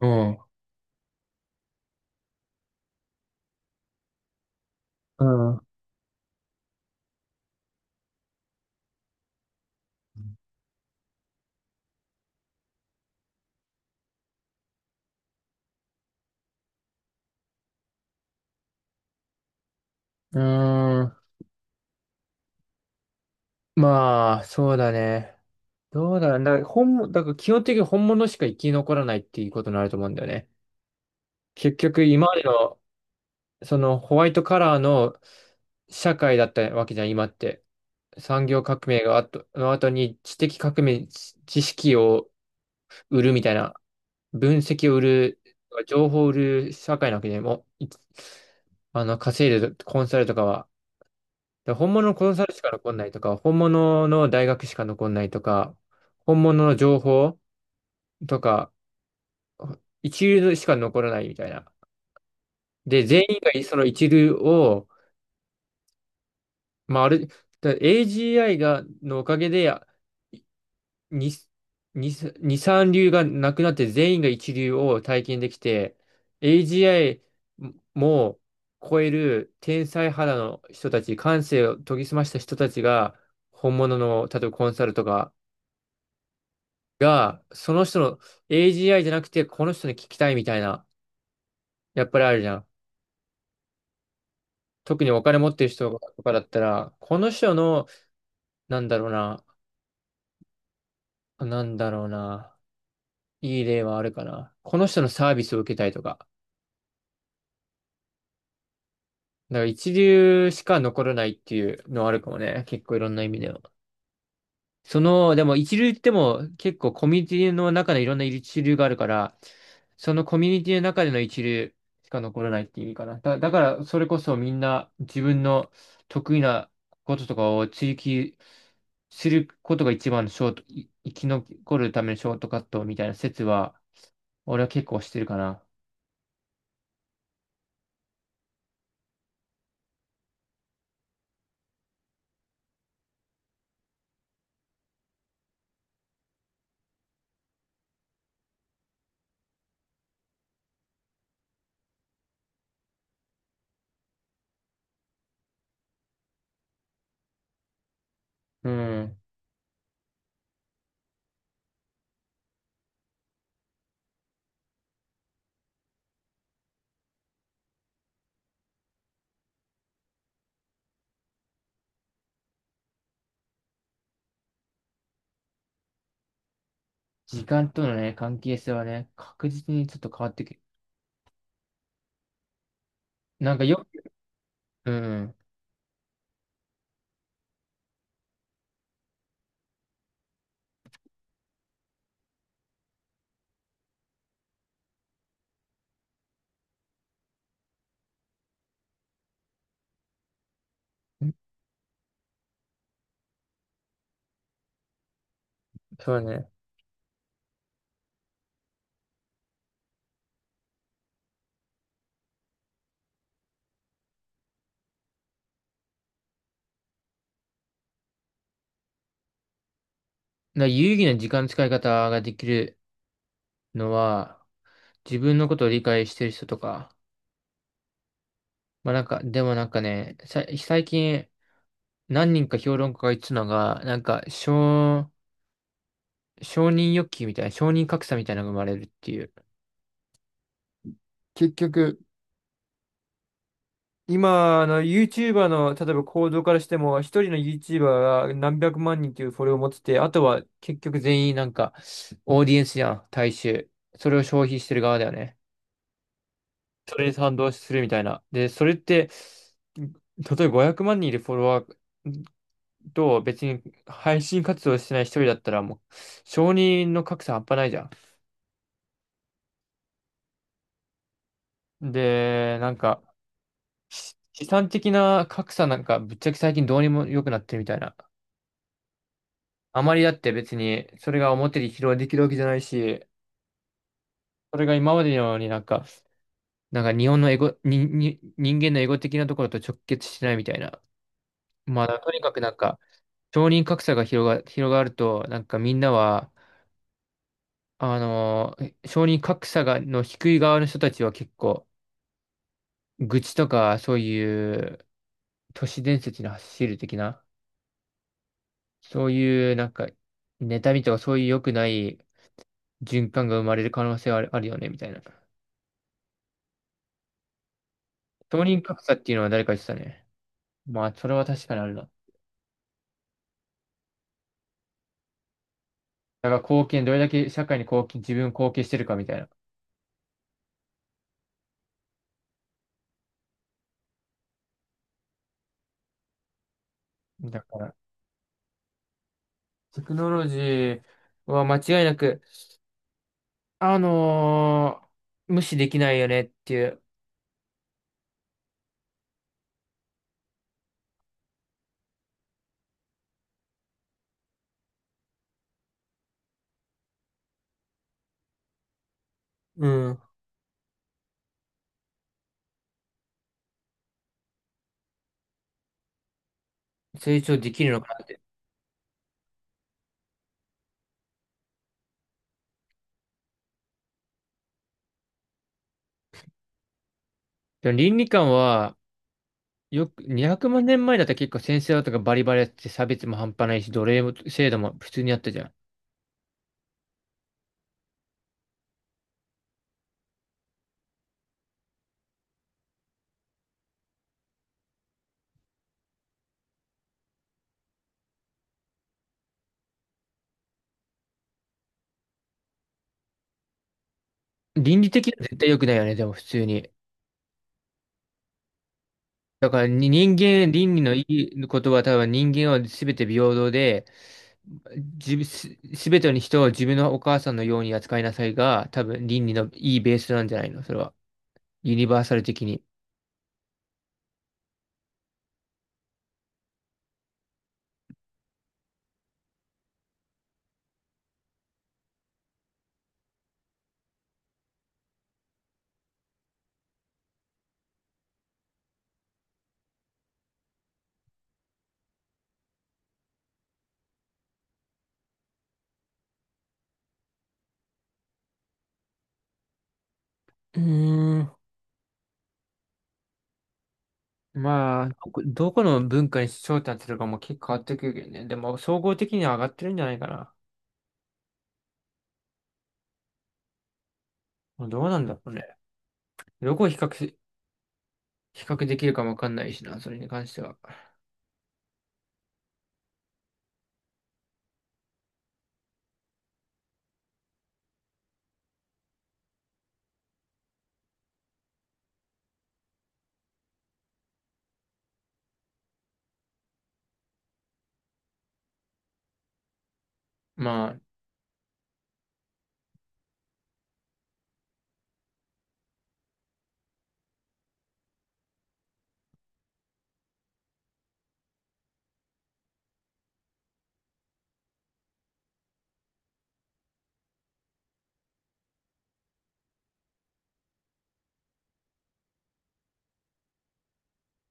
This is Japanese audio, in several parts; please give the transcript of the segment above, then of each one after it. うん。うん。うーん。まあ、そうだね。どうだろう。だから基本的に本物しか生き残らないっていうことになると思うんだよね。結局、今までの、そのホワイトカラーの社会だったわけじゃん、今って。産業革命がの後に知的革命、知識を売るみたいな、分析を売る、情報を売る社会なわけでもう、いあの、稼いでるコンサルとかは。だから本物のコンサルしか残んないとか、本物の大学しか残んないとか、本物の情報とか、一流しか残らないみたいな。で、全員がその一流を、まあ、ある、だ AGI のおかげで、に、に、二三流がなくなって全員が一流を体験できて、AGI も超える天才肌の人たち、感性を研ぎ澄ました人たちが、本物の、例えばコンサルとか、が、その人の AGI じゃなくて、この人に聞きたいみたいな、やっぱりあるじゃん。特にお金持ってる人とかだったら、この人の、なんだろうな、なんだろうな、いい例はあるかな。この人のサービスを受けたいとか。だから一流しか残らないっていうのはあるかもね。結構いろんな意味では。その、でも一流っても結構コミュニティの中でいろんな一流があるから、そのコミュニティの中での一流しか残らないって意味かな。だからそれこそみんな自分の得意なこととかを追求することが一番のショート、い生き残るためのショートカットみたいな説は、俺は結構してるかな。うん。時間とのね、関係性はね、確実にちょっと変わってくる。なんかよ、うん。そうね。だから有意義な時間の使い方ができるのは、自分のことを理解してる人とか、まあなんか、でもなんかね、さ、最近何人か評論家が言ってたのが、なんか、承認欲求みたいな、承認格差みたいなのが生まれるっていう。結局、今、YouTuber の、例えば行動からしても、一人の YouTuber が何百万人というフォロワーを持ってて、あとは、結局全員なんか、オーディエンスじゃん、大衆。それを消費してる側だよね。それに賛同するみたいな。で、それって、例えば500万人いるフォロワーと別に配信活動してない一人だったらもう承認の格差半端ないじゃん。で、なんか資産的な格差なんかぶっちゃけ最近どうにも良くなってるみたいな。あまりだって別にそれが表に披露できるわけじゃないし、それが今までのようになんか、なんか日本のエゴ、人間のエゴ的なところと直結しないみたいな。まあとにかくなんか承認格差が広がると、なんかみんなは、承認格差の低い側の人たちは結構、愚痴とか、そういう都市伝説に走る的な、そういうなんか、妬みとかそういう良くない循環が生まれる可能性はあるよね、みたいな。承認格差っていうのは誰か言ってたね。まあ、それは確かにあるな。だから貢献、どれだけ社会に貢献、自分貢献してるかみたいな。だから、テクノロジーは間違いなく、あのー無視できないよねっていう、うん。成長できるのかな。でも倫理観は、よく、200万年前だったら結構先生とかバリバリやってて差別も半端ないし、奴隷も制度も普通にあったじゃん。倫理的には絶対良くないよね、でも普通に。だからに人間、倫理のいいことは多分人間は全て平等で、じぶす、全ての人を自分のお母さんのように扱いなさいが、多分倫理のいいベースなんじゃないのそれは。ユニバーサル的に。うーん。まあ、どこどこの文化に焦点当てるかも結構変わってくるけどね。でも、総合的には上がってるんじゃないかな。まあどうなんだろうね。どこを比較できるかもわかんないしな、それに関しては。まあ、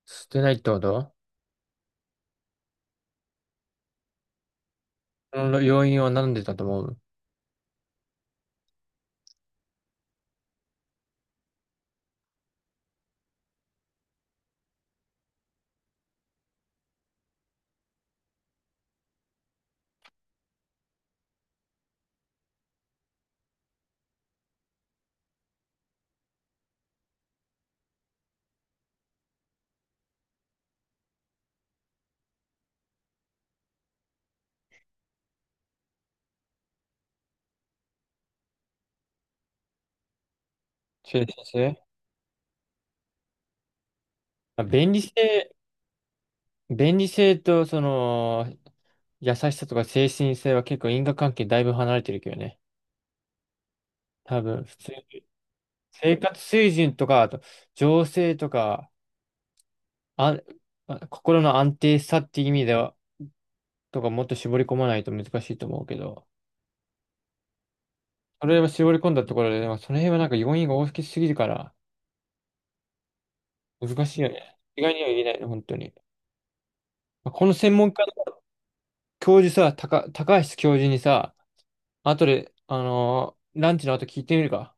捨てないってこと。その要因は何でだと思う？中立性あ便利性とその優しさとか精神性は結構因果関係だいぶ離れてるけどね。多分、普通、生活水準とか、あと情勢とか、あ、心の安定さっていう意味では、とかもっと絞り込まないと難しいと思うけど、それを絞り込んだところで、でもその辺はなんか要因が大きすぎるから、難しいよね。意外には言えないの、本当に。まあこの専門家の教授さ、高橋教授にさ、後で、ランチの後聞いてみるか。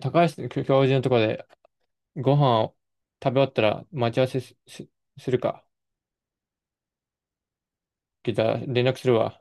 高橋教授のところでご飯を食べ終わったら待ち合わせするか。聞いたら連絡するわ。